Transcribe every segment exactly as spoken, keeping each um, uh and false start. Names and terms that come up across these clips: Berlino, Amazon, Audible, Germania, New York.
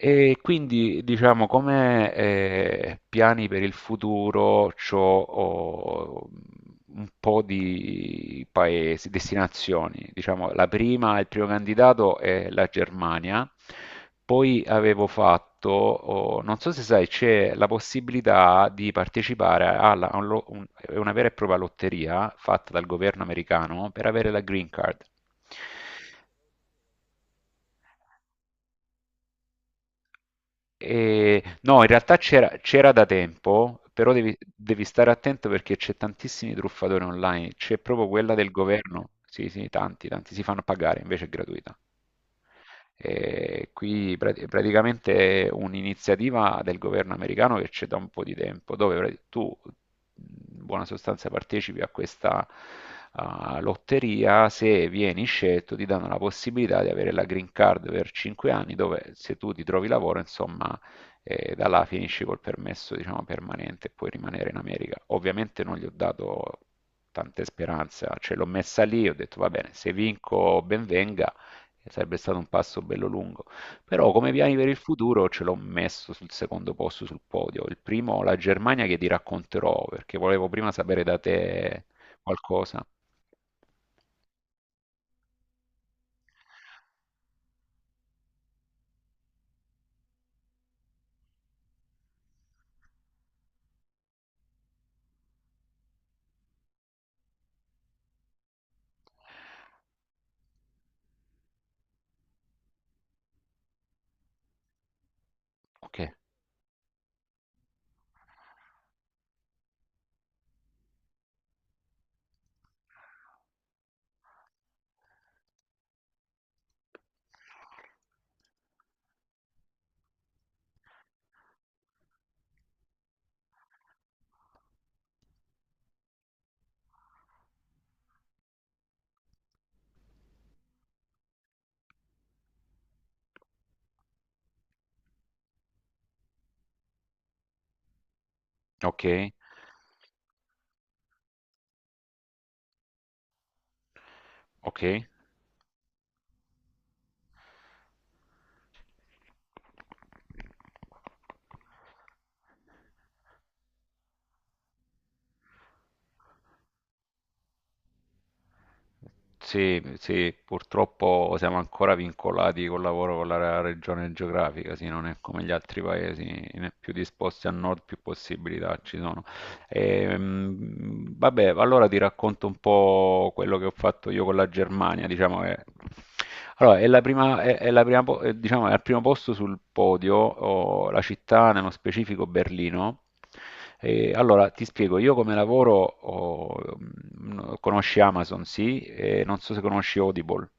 E quindi, diciamo, come eh, piani per il futuro, c'ho oh, un po' di paesi, destinazioni. Diciamo, la prima, il primo candidato è la Germania. Poi avevo fatto, oh, non so se sai, c'è la possibilità di partecipare alla- a un lo- un- è una vera e propria lotteria fatta dal governo americano per avere la green card. E- no, in realtà c'era c'era da tempo, però devi, devi stare attento perché c'è tantissimi truffatori online, c'è proprio quella del governo, sì sì, tanti, tanti si fanno pagare, invece è gratuita. E qui pra- praticamente è un'iniziativa del governo americano che c'è da un po' di tempo, dove pra- tu in buona sostanza partecipi a questa ah, lotteria, se vieni scelto ti danno la possibilità di avere la green card per cinque anni, dove se tu ti trovi lavoro, insomma, eh, da là finisci col permesso, diciamo, permanente e puoi rimanere in America. Ovviamente non gli ho dato tante speranze, ce l'ho messa lì, ho detto va bene, se vinco ben venga. Sarebbe stato un passo bello lungo, però come piani per il futuro ce l'ho messo sul secondo posto sul podio. Il primo, la Germania, che ti racconterò perché volevo prima sapere da te qualcosa. Ok, ok, ok. Sì, sì, purtroppo siamo ancora vincolati col lavoro con la regione geografica, sì, non è come gli altri paesi, né più disposti a nord più possibilità ci sono. Ehm, vabbè, allora ti racconto un po' quello che ho fatto io con la Germania, diciamo che... Allora, è la prima, è, è la prima po- eh, diciamo, è al primo posto sul podio, oh, la città, nello specifico Berlino. E allora, ti spiego, io come lavoro, oh, mh, conosci Amazon, sì, e non so se conosci Audible.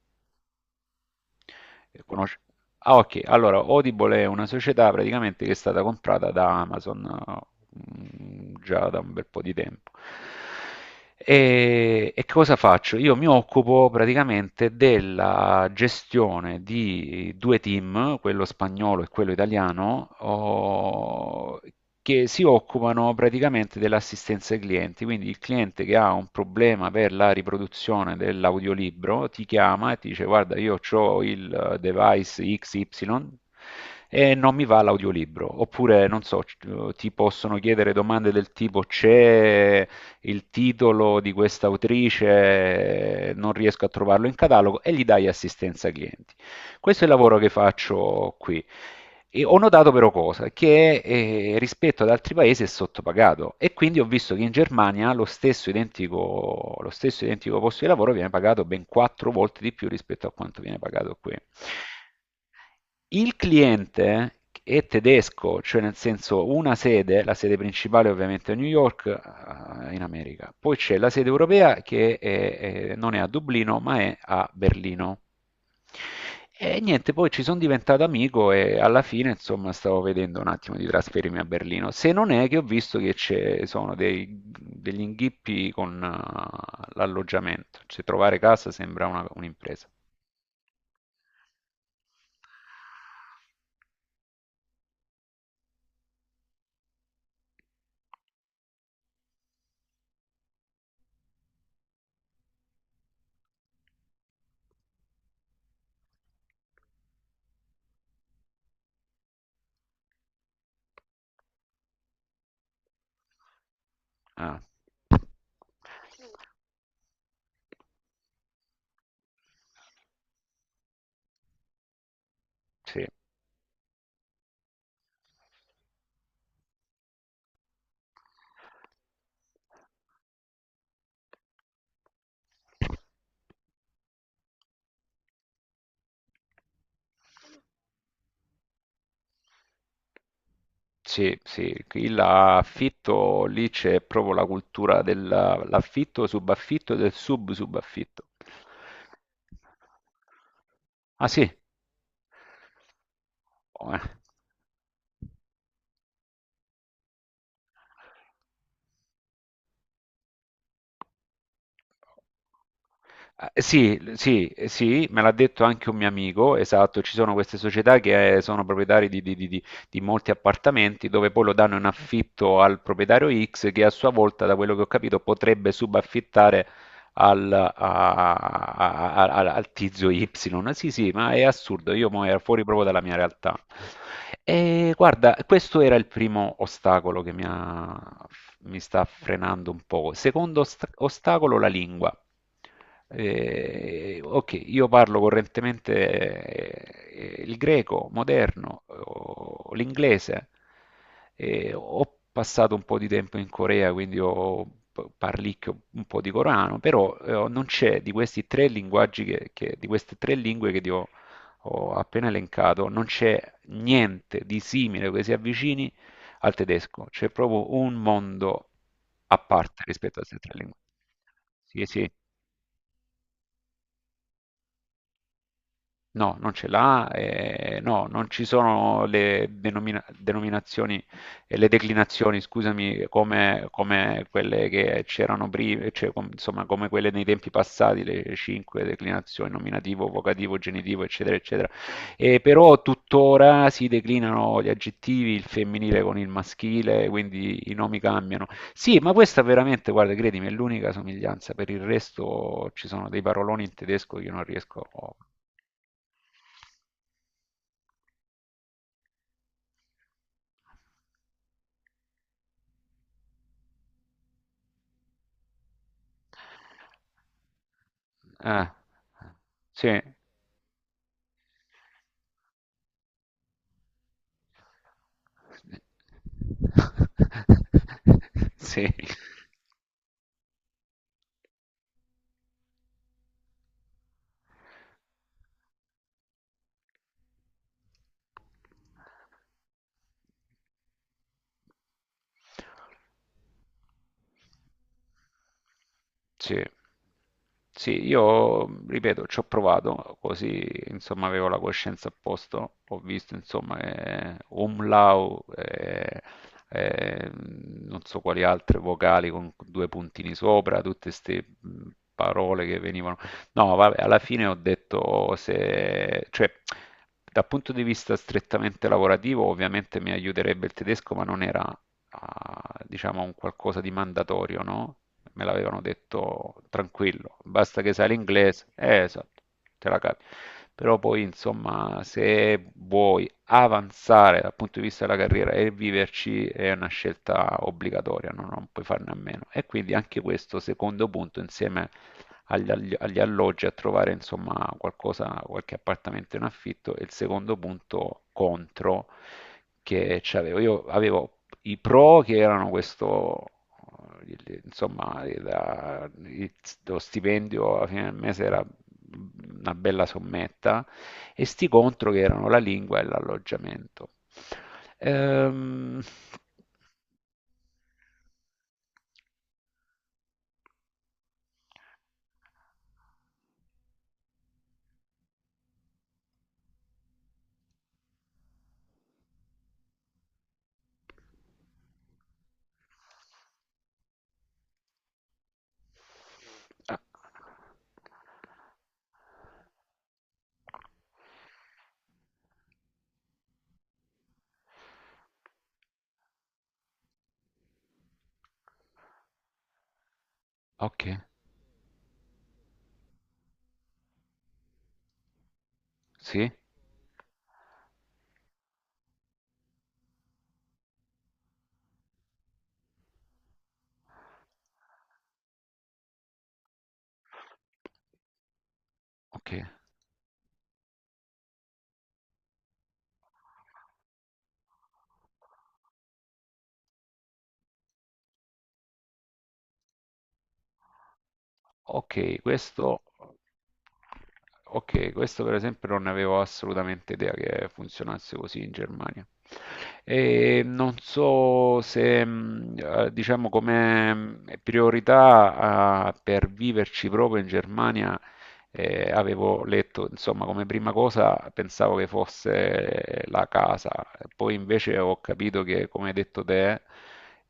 Eh, conosce- Ah, ok. Allora, Audible è una società praticamente che è stata comprata da Amazon mm, già da un bel po' di tempo. E, e cosa faccio? Io mi occupo praticamente della gestione di due team, quello spagnolo e quello italiano, oh, che si occupano praticamente dell'assistenza ai clienti. Quindi il cliente che ha un problema per la riproduzione dell'audiolibro ti chiama e ti dice: Guarda, io ho il device X Y e non mi va l'audiolibro. Oppure, non so, c- ti possono chiedere domande del tipo: C'è il titolo di questa autrice? Non riesco a trovarlo in catalogo e gli dai assistenza ai clienti. Questo è il lavoro che faccio qui. E ho notato però cosa? Che eh, rispetto ad altri paesi è sottopagato e quindi ho visto che in Germania lo stesso identico, lo stesso identico posto di lavoro viene pagato ben quattro volte di più rispetto a quanto viene pagato qui. Il cliente è tedesco, cioè nel senso una sede, la sede principale ovviamente è New York, eh, in America. Poi c'è la sede europea che è- è- non è a Dublino, ma è a Berlino. E niente, poi ci sono diventato amico e alla fine, insomma, stavo vedendo un attimo di trasferirmi a Berlino. Se non è che ho visto che ci sono dei- degli inghippi con eh, l'alloggiamento, cioè trovare casa sembra una- un'impresa. Ah, sì. Sì, sì, qui l'affitto, lì c'è proprio la cultura dell'affitto, subaffitto e del sub-subaffitto. Ah sì? Oh, eh. Eh, Sì, l- sì, eh, sì, me l'ha detto anche un mio amico, esatto, ci sono queste società che eh, sono proprietari di, di- di- di- di molti appartamenti dove poi lo danno in affitto al proprietario X che a sua volta, da quello che ho capito, potrebbe subaffittare al, a- a- a- a- al tizio Y. Sì, sì, ma è assurdo, io mo ero fuori proprio dalla mia realtà. E guarda, questo era il primo ostacolo che mi, ha- mi sta frenando un po'. Secondo ost- ostacolo, la lingua. Eh, ok, io parlo correntemente eh, il greco moderno, o l'inglese, eh, ho passato un po' di tempo in Corea, quindi ho, parlicchio un po' di Corano, però eh, non c'è di questi tre linguaggi che, che- di queste tre lingue che ti ho, ho appena elencato, non c'è niente di simile che si avvicini al tedesco, c'è proprio un mondo a parte rispetto a queste tre lingue. Sì, sì. No, non ce l'ha, eh, no, non ci sono le denomina- denominazioni, eh, le declinazioni, scusami, come, come quelle che c'erano prima, cioè, com- insomma, come quelle nei tempi passati, le cinque declinazioni, nominativo, vocativo, genitivo, eccetera, eccetera. Eh, però tuttora si declinano gli aggettivi, il femminile con il maschile, quindi i nomi cambiano. Sì, ma questa veramente, guarda, credimi, è l'unica somiglianza, per il resto ci sono dei paroloni in tedesco che io non riesco a... Eh, sì. Sì. Sì. Sì, io ripeto, ci ho provato, così insomma avevo la coscienza a posto, ho visto insomma eh, umlau, eh, eh, non so quali altre vocali con due puntini sopra, tutte queste parole che venivano. No, vabbè, alla fine ho detto se, cioè, dal punto di vista strettamente lavorativo, ovviamente mi aiuterebbe il tedesco, ma non era a, diciamo, a un qualcosa di mandatorio, no? Me l'avevano detto tranquillo, basta che sai l'inglese, eh, esatto, te la capi. Però poi, insomma, se vuoi avanzare dal punto di vista della carriera e viverci è una scelta obbligatoria, no? Non puoi farne a meno. E quindi anche questo secondo punto, insieme agli, agli- agli alloggi, a trovare, insomma, qualcosa, qualche appartamento in affitto, e il secondo punto contro che c'avevo. Io avevo i pro che erano questo, eh, il- insomma, il- il- lo stipendio alla fine del mese era una bella sommetta, e sti contro che erano la lingua e l'alloggiamento. Ehm, ah, ok, sì, ok. Ok, questo, ok, questo per esempio non ne avevo assolutamente idea che funzionasse così in Germania. E non so se, mh, eh, diciamo, come mh, priorità, eh, per viverci proprio in Germania, eh, avevo letto, insomma, come prima cosa pensavo che fosse eh, la casa, poi invece ho capito che, come hai detto te,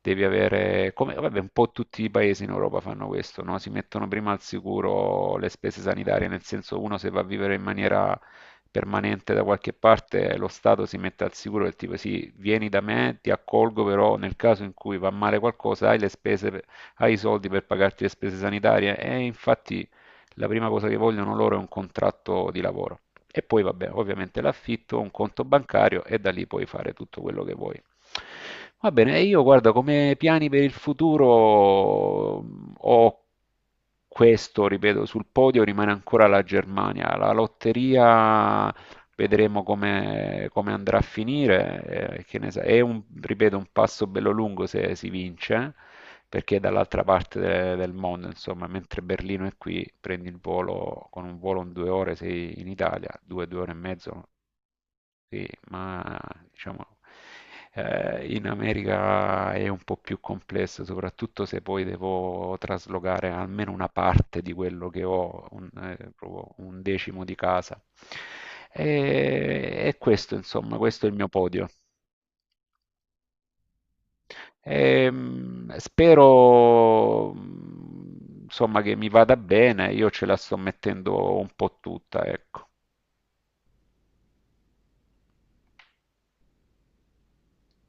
devi avere, come vabbè, un po' tutti i paesi in Europa fanno questo, no? Si mettono prima al sicuro le spese sanitarie, nel senso uno se va a vivere in maniera permanente da qualche parte, lo Stato si mette al sicuro del tipo sì, vieni da me, ti accolgo, però nel caso in cui va male qualcosa hai le spese, per- hai i soldi per pagarti le spese sanitarie e infatti la prima cosa che vogliono loro è un contratto di lavoro. E poi, vabbè, ovviamente l'affitto, un conto bancario e da lì puoi fare tutto quello che vuoi. Va bene, e io guarda, come piani per il futuro mh, ho questo, ripeto, sul podio rimane ancora la Germania. La lotteria vedremo come, come andrà a finire, eh, che ne sa- è un, ripeto, un passo bello lungo se si vince, perché è dall'altra parte de- del mondo, insomma, mentre Berlino è qui, prendi il volo, con un volo in due ore sei in Italia, due, due ore e mezzo, sì, ma diciamo eh, in America è un po' più complesso, soprattutto se poi devo traslocare almeno una parte di quello che ho, un, eh, proprio un decimo di casa. E, e questo, insomma, questo è il mio podio. Ehm, spero, mm, insomma, che mi vada bene, io ce la sto mettendo un po' tutta, ecco.